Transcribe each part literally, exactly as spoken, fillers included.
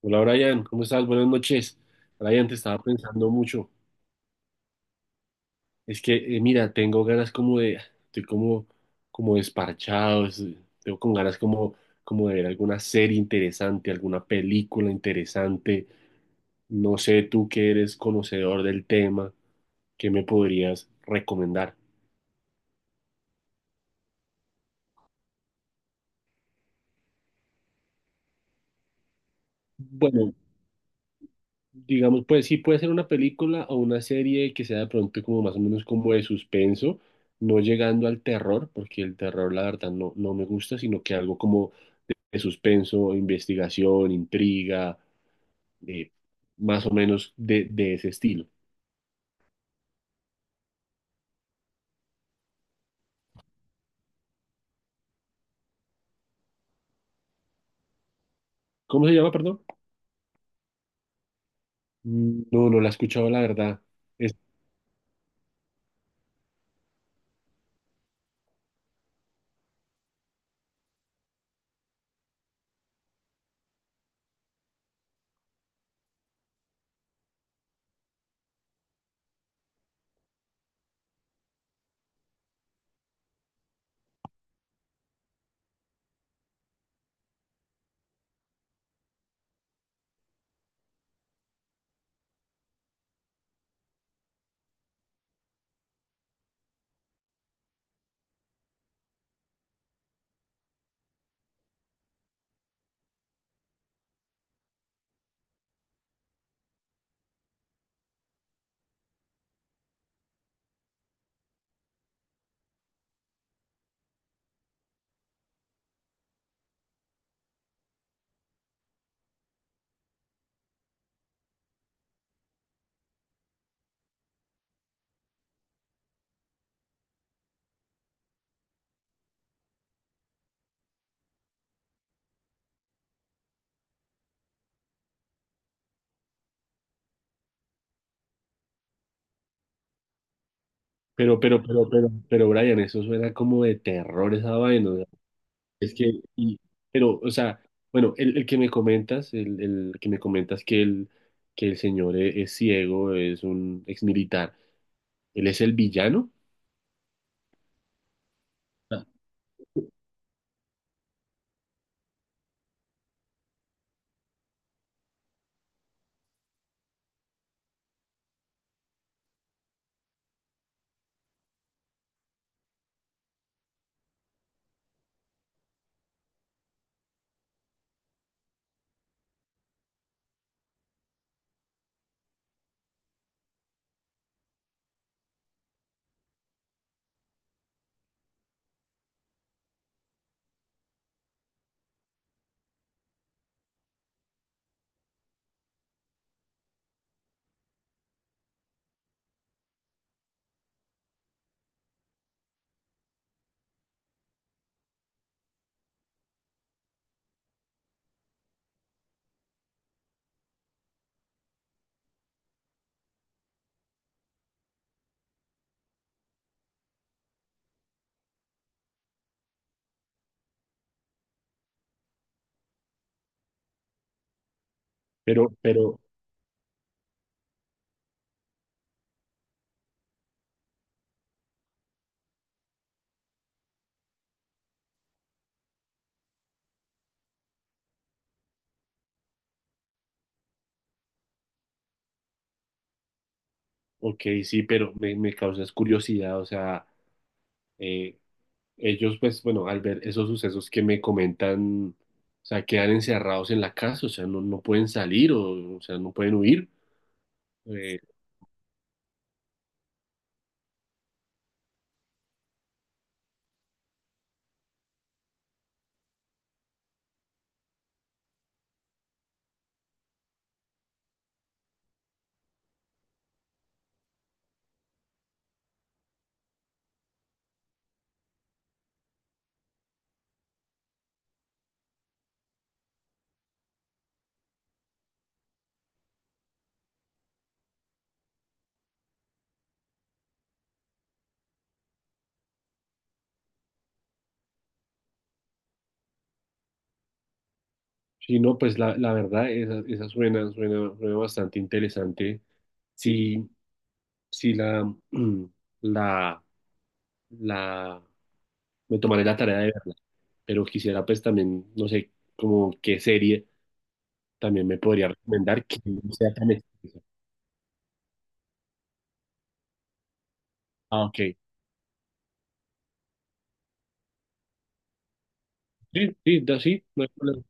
Hola Brian, ¿cómo estás? Buenas noches. Brian, te estaba pensando mucho. Es que, eh, mira, tengo ganas como de, estoy como, como desparchado, es- tengo con ganas como, como de ver alguna serie interesante, alguna película interesante. No sé, tú que eres conocedor del tema, ¿qué me podrías recomendar? Bueno. Digamos, pues sí puede ser una película o una serie que sea de pronto como más o menos como de suspenso, no llegando al terror, porque el terror la verdad no, no me gusta, sino que algo como de suspenso, investigación, intriga, eh, más o menos de, de ese estilo. ¿Cómo se llama, perdón? Mm, no, no la he escuchado la verdad. Es- pero, pero, pero, pero, pero, Brian, eso suena como de terror esa vaina. Es que, y, pero, o sea, bueno, el, el que me comentas, el, el que me comentas que el, que el señor e- es, ciego, es un exmilitar, él es el villano. Ah, pero, pero, ok, sí, pero me, me causas curiosidad, o sea, eh, ellos, pues, bueno, al ver esos sucesos que me comentan, o sea, quedan encerrados en la casa, o sea, no, no pueden salir, o, o sea, no pueden huir. Eh, sí, no, pues la, la verdad, esa, esa suena, suena, suena bastante interesante. Sí, sí. Sí, la, la, la, me tomaré la tarea de verla, pero quisiera pues también, no sé, como qué serie también me podría recomendar que no sea tan extensa. Ah, ok. Sí, sí, da, sí, no hay problema.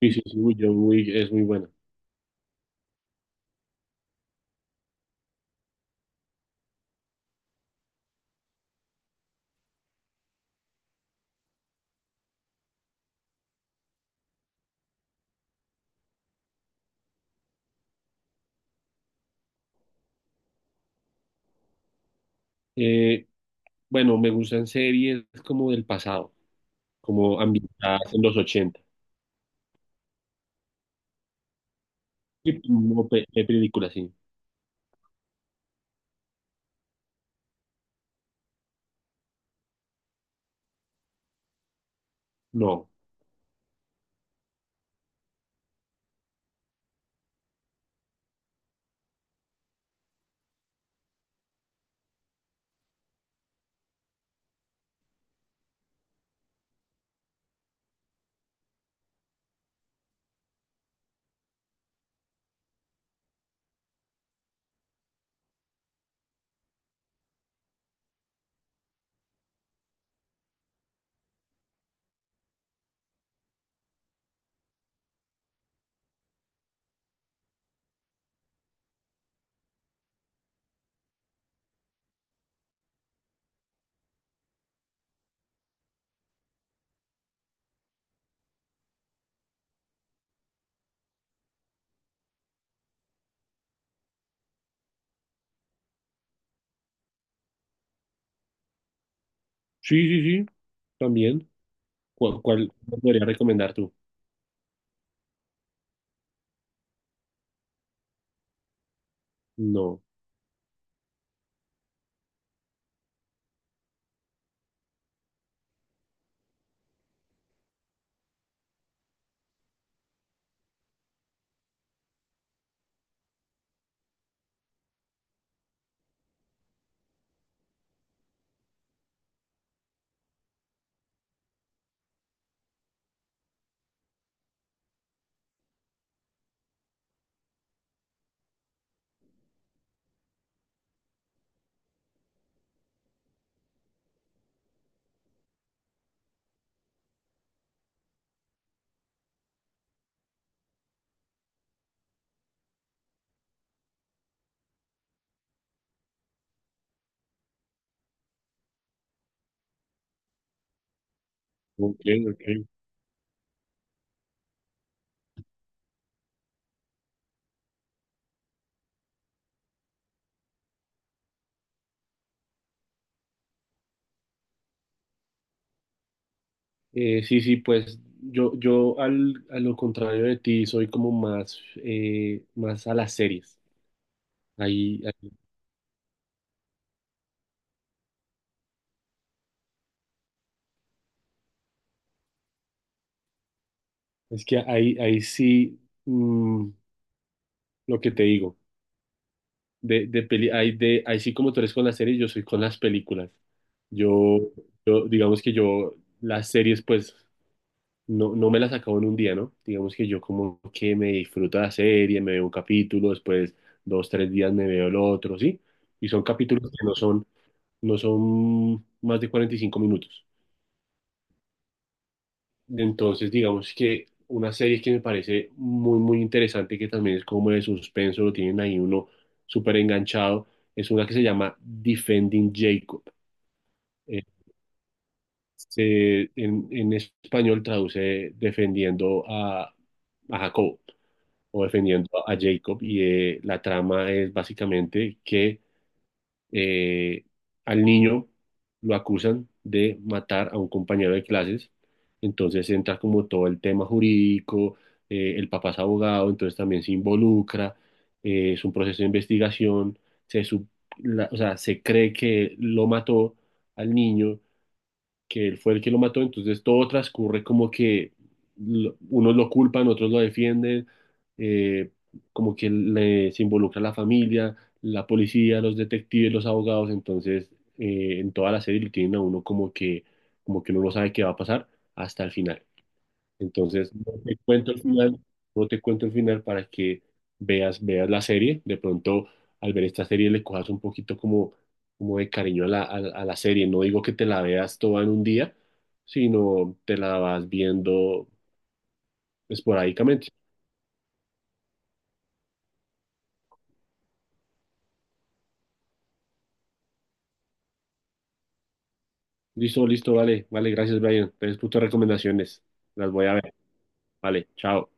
Sí, sí, sí, uy, yo, uy, es muy buena. Eh, bueno, me gustan series como del pasado, como ambientadas en los ochenta. Sí, no, pe- de películas, sí. No. Sí, sí, sí, también. ¿Cuál, cuál me podría recomendar tú? No. Ok, ok. Eh, sí, sí, pues yo, yo al, a lo contrario de ti soy como más, eh, más a las series. Ahí, ahí- es que ahí, ahí sí, mm, lo que te digo, de, de peli, ahí, de, ahí sí como tú eres con las series, yo soy con las películas. Yo, yo digamos que yo las series pues no, no me las acabo en un día, ¿no? Digamos que yo como que me disfruto la serie, me veo un capítulo, después dos, tres días me veo el otro, ¿sí? Y son capítulos que no son no son más de cuarenta y cinco minutos. Entonces, digamos que una serie que me parece muy, muy interesante, que también es como de suspenso, lo tienen ahí uno súper enganchado, es una que se llama Defending Jacob. Eh, se- en, en español traduce defendiendo a, a Jacob o defendiendo a Jacob. Y eh, la trama es básicamente que eh, al niño lo acusan de matar a un compañero de clases, entonces entra como todo el tema jurídico, eh, el papá es abogado, entonces también se involucra, eh, es un proceso de investigación, se, sup- la- o sea, se cree que lo mató al niño, que él fue el que lo mató, entonces todo transcurre como que lo- unos lo culpan, otros lo defienden, eh, como que le- se involucra la familia, la policía, los detectives, los abogados, entonces eh, en toda la serie lo tienen a uno como que, como que uno no sabe qué va a pasar hasta el final. Entonces, no te cuento el final, no te cuento el final para que veas, veas la serie. De pronto, al ver esta serie, le cojas un poquito como, como de cariño a la, a, la a la serie. No digo que te la veas toda en un día, sino te la vas viendo esporádicamente. Listo, listo, vale, vale, gracias, Brian. Entonces, tus recomendaciones las voy a ver. Vale, chao.